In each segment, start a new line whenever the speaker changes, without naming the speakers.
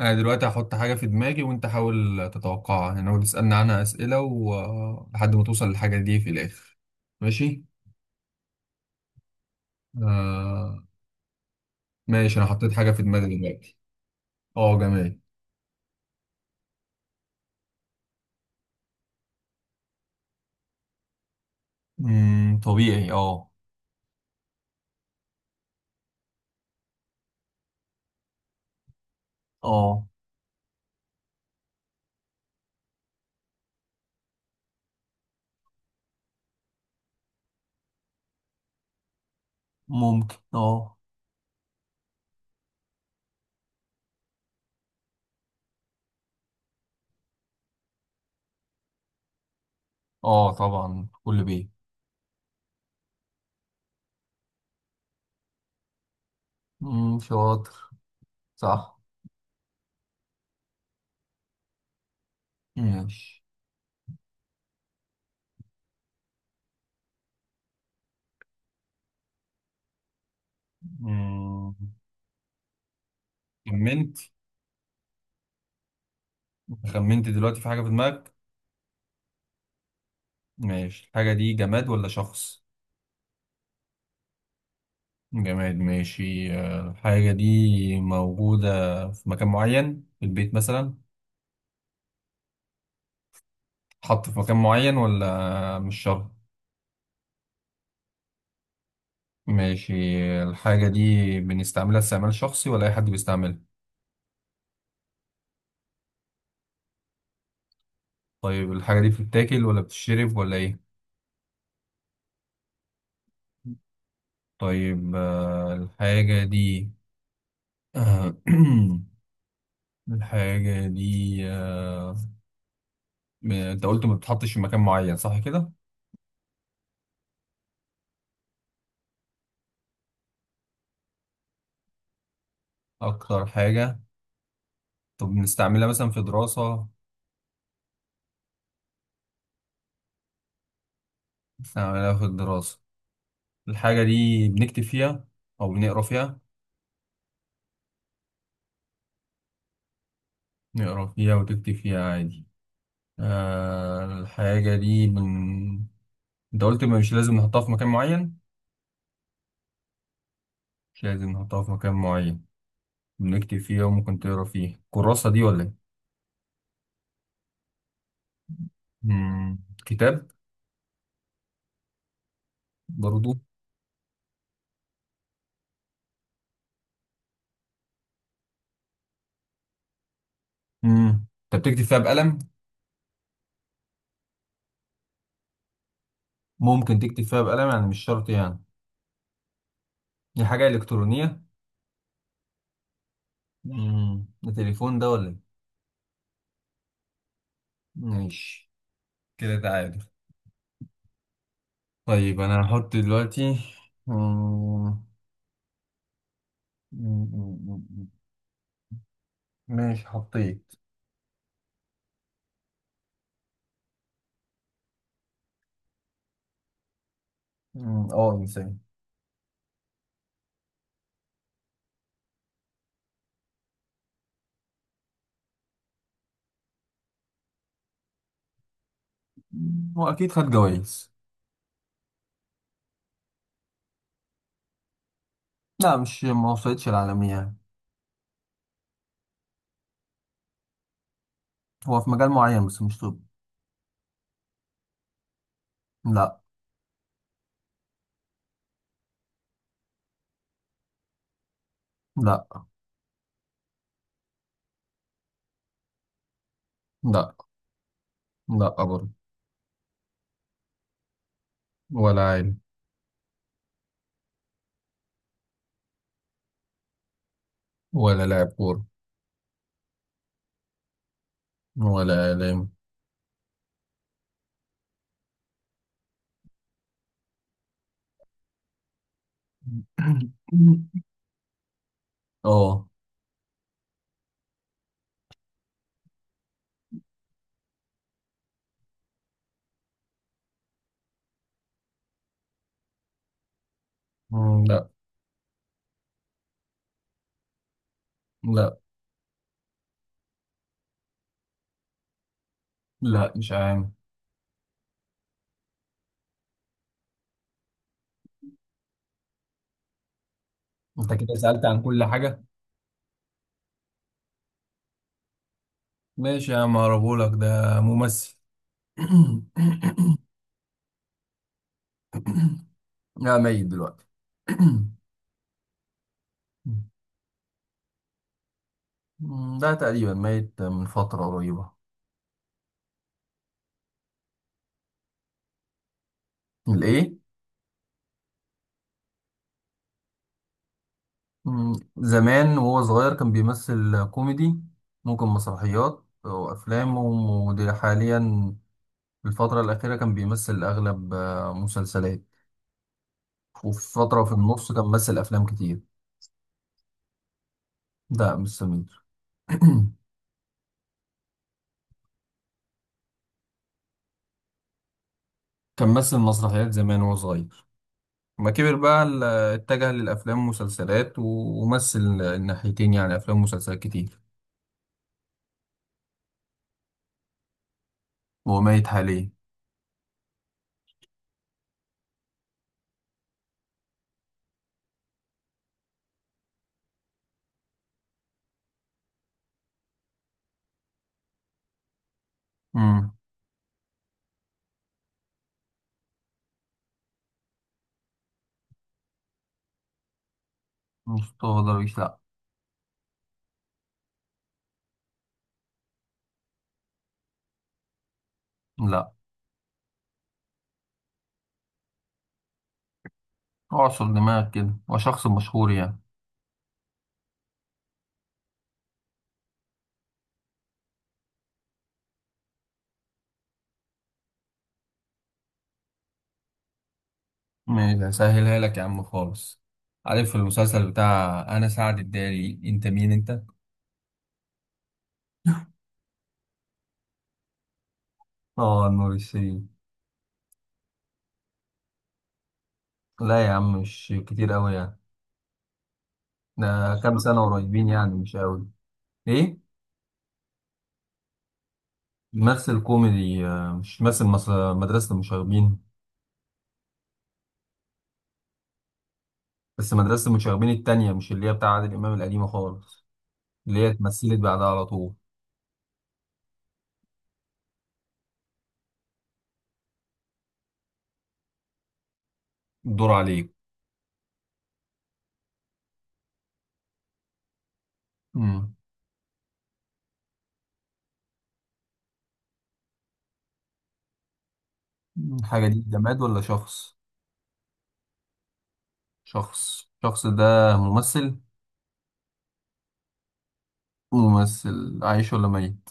انا دلوقتي هحط حاجة في دماغي وانت حاول تتوقعها، يعني هو تسألني عنها اسئلة ولحد ما توصل للحاجة دي في الاخر. ماشي. آه... ماشي، انا حطيت حاجة في دماغي دلوقتي. اه جميل. طبيعي اه. اه ممكن اه اه طبعا كل بيه. شاطر. صح. ماشي. امم خمنت. خمنت دلوقتي في حاجة في دماغك. ماشي، الحاجة دي جماد ولا شخص؟ جماد. ماشي، الحاجة دي موجودة في مكان معين في البيت مثلا؟ حط في مكان معين ولا مش شرط؟ ماشي. الحاجة دي بنستعملها استعمال شخصي ولا أي حد بيستعملها؟ طيب الحاجة دي بتتاكل ولا بتتشرب ولا إيه؟ طيب الحاجة دي آه، الحاجة دي أنت قلت ما بتتحطش في مكان معين، صح كده؟ أكتر حاجة. طب بنستعملها مثلا في دراسة؟ بنستعملها في الدراسة. الحاجة دي بنكتب فيها أو بنقرا فيها؟ نقرا فيها وتكتب فيها عادي. آه الحاجة دي أنت قلت ما مش لازم نحطها في مكان معين. مش لازم نحطها في مكان معين. بنكتب فيها وممكن تقرا فيها، كراسة دي ولا إيه؟ مم، كتاب؟ برضو. مم. أنت بتكتب فيها بقلم؟ ممكن تكتب فيها بقلم، يعني مش شرط يعني. دي حاجة إلكترونية. مم. ده تليفون ده ولا إيه؟ ماشي، كده تعادل. طيب أنا هحط دلوقتي. مم. مم، مم، مم. ماشي حطيت. اه، انسان. هو اكيد خد جوائز. لا مش ما وصلتش العالمية يعني. هو في مجال معين بس مش طب. لا. لا. لا. لا برضه. ولا عالم. ولا لاعب كورة. ولا إعلام. اه. لا. لا. لا مش عام. انت كده سألت عن كل حاجة. ماشي يا عم، هقربهولك، ده ممثل. لا ميت دلوقتي. ده تقريبا ميت من فترة قريبة. الإيه؟ زمان وهو صغير كان بيمثل كوميدي، ممكن مسرحيات وأفلام، ودي حاليا في الفترة الأخيرة كان بيمثل أغلب مسلسلات، وفي فترة في النص كان مثل أفلام كتير. ده مش سمير. كان مثل مسرحيات زمان وهو صغير، ما كبر بقى اتجه للأفلام والمسلسلات ومثل الناحيتين، يعني أفلام ومسلسلات كتير. وهو ميت حاليا. مم. مصطفى درويش لأ. لا. اعصر دماغك كده، هو شخص مشهور يعني. ماشي هسهلها لك يا عم خالص، عارف المسلسل بتاع أنا سعد الدالي أنت مين أنت؟ اه نور الشريف. لا يا عم مش كتير قوي يعني. ده كام سنة قريبين يعني مش قوي. ايه. ممثل كوميدي، مش ممثل مدرسة المشاغبين. بس مدرسة المشاغبين التانية، مش اللي هي بتاع عادل إمام القديمة خالص، اللي هي اتمثلت بعدها على طول. الدور عليك. امم الحاجة دي جماد ولا شخص؟ شخص. الشخص ده ممثل؟ ممثل. عايش ولا ميت؟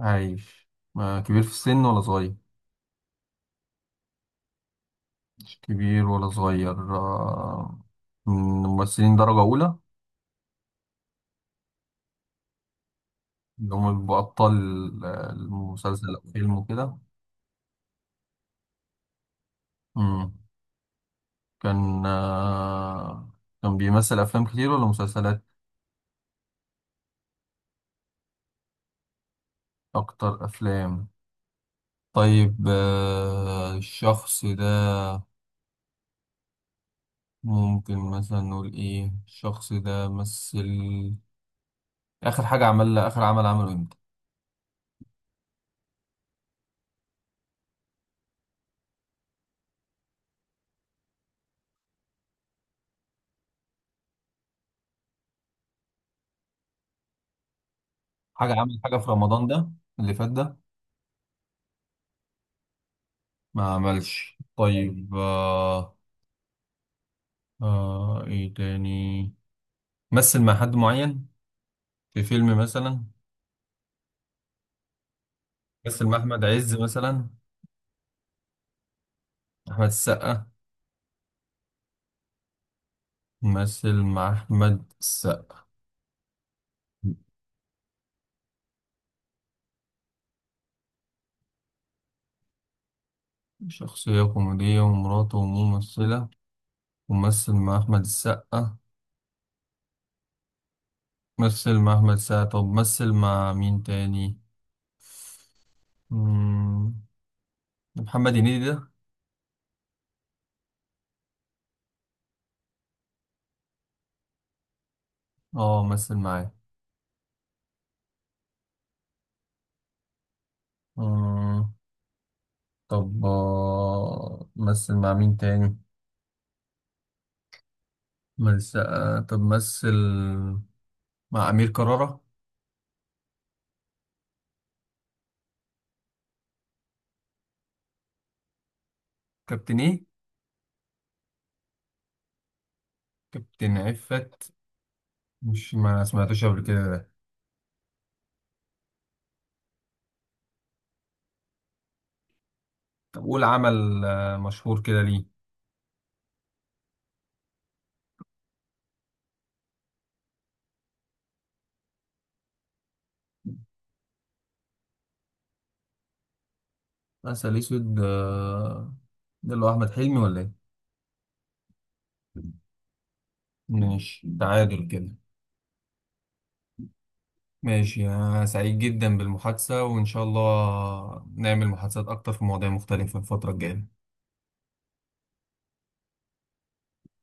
عايش. ما كبير في السن ولا صغير؟ كبير ولا صغير، من ممثلين درجة أولى؟ اللي هم بيبقوا أبطال المسلسل أو فيلم وكده. مم. كان، كان بيمثل أفلام كتير ولا مسلسلات؟ أكتر أفلام. طيب الشخص ده ممكن مثلا نقول إيه، الشخص ده مثل، آخر حاجة عملها، آخر عمل عمله إمتى؟ حاجة عامل حاجة في رمضان ده اللي فات ده؟ ما عملش. طيب آه، إيه تاني. مثل مع حد معين في فيلم مثلا؟ مثل مع أحمد عز مثلا؟ أحمد السقا؟ مثل مع أحمد السقا. شخصية كوميدية ومراته ممثلة، ومثل مع أحمد السقا. مثل مع أحمد السقا، طب مثل مع مين تاني؟ مم، محمد هنيدي ده؟ اه مثل معاه. طب مثل مع مين تاني؟ مثل طب مثل مع أمير كرارة. كابتن إيه؟ كابتن عفت. مش ما سمعتوش قبل كده ده. طب قول عمل مشهور كده ليه. عسل أسود، ده اللي هو أحمد حلمي ولا إيه؟ ماشي، تعادل كده. ماشي، أنا سعيد جدا بالمحادثة وإن شاء الله نعمل محادثات أكتر في مواضيع مختلفة الفترة الجاية.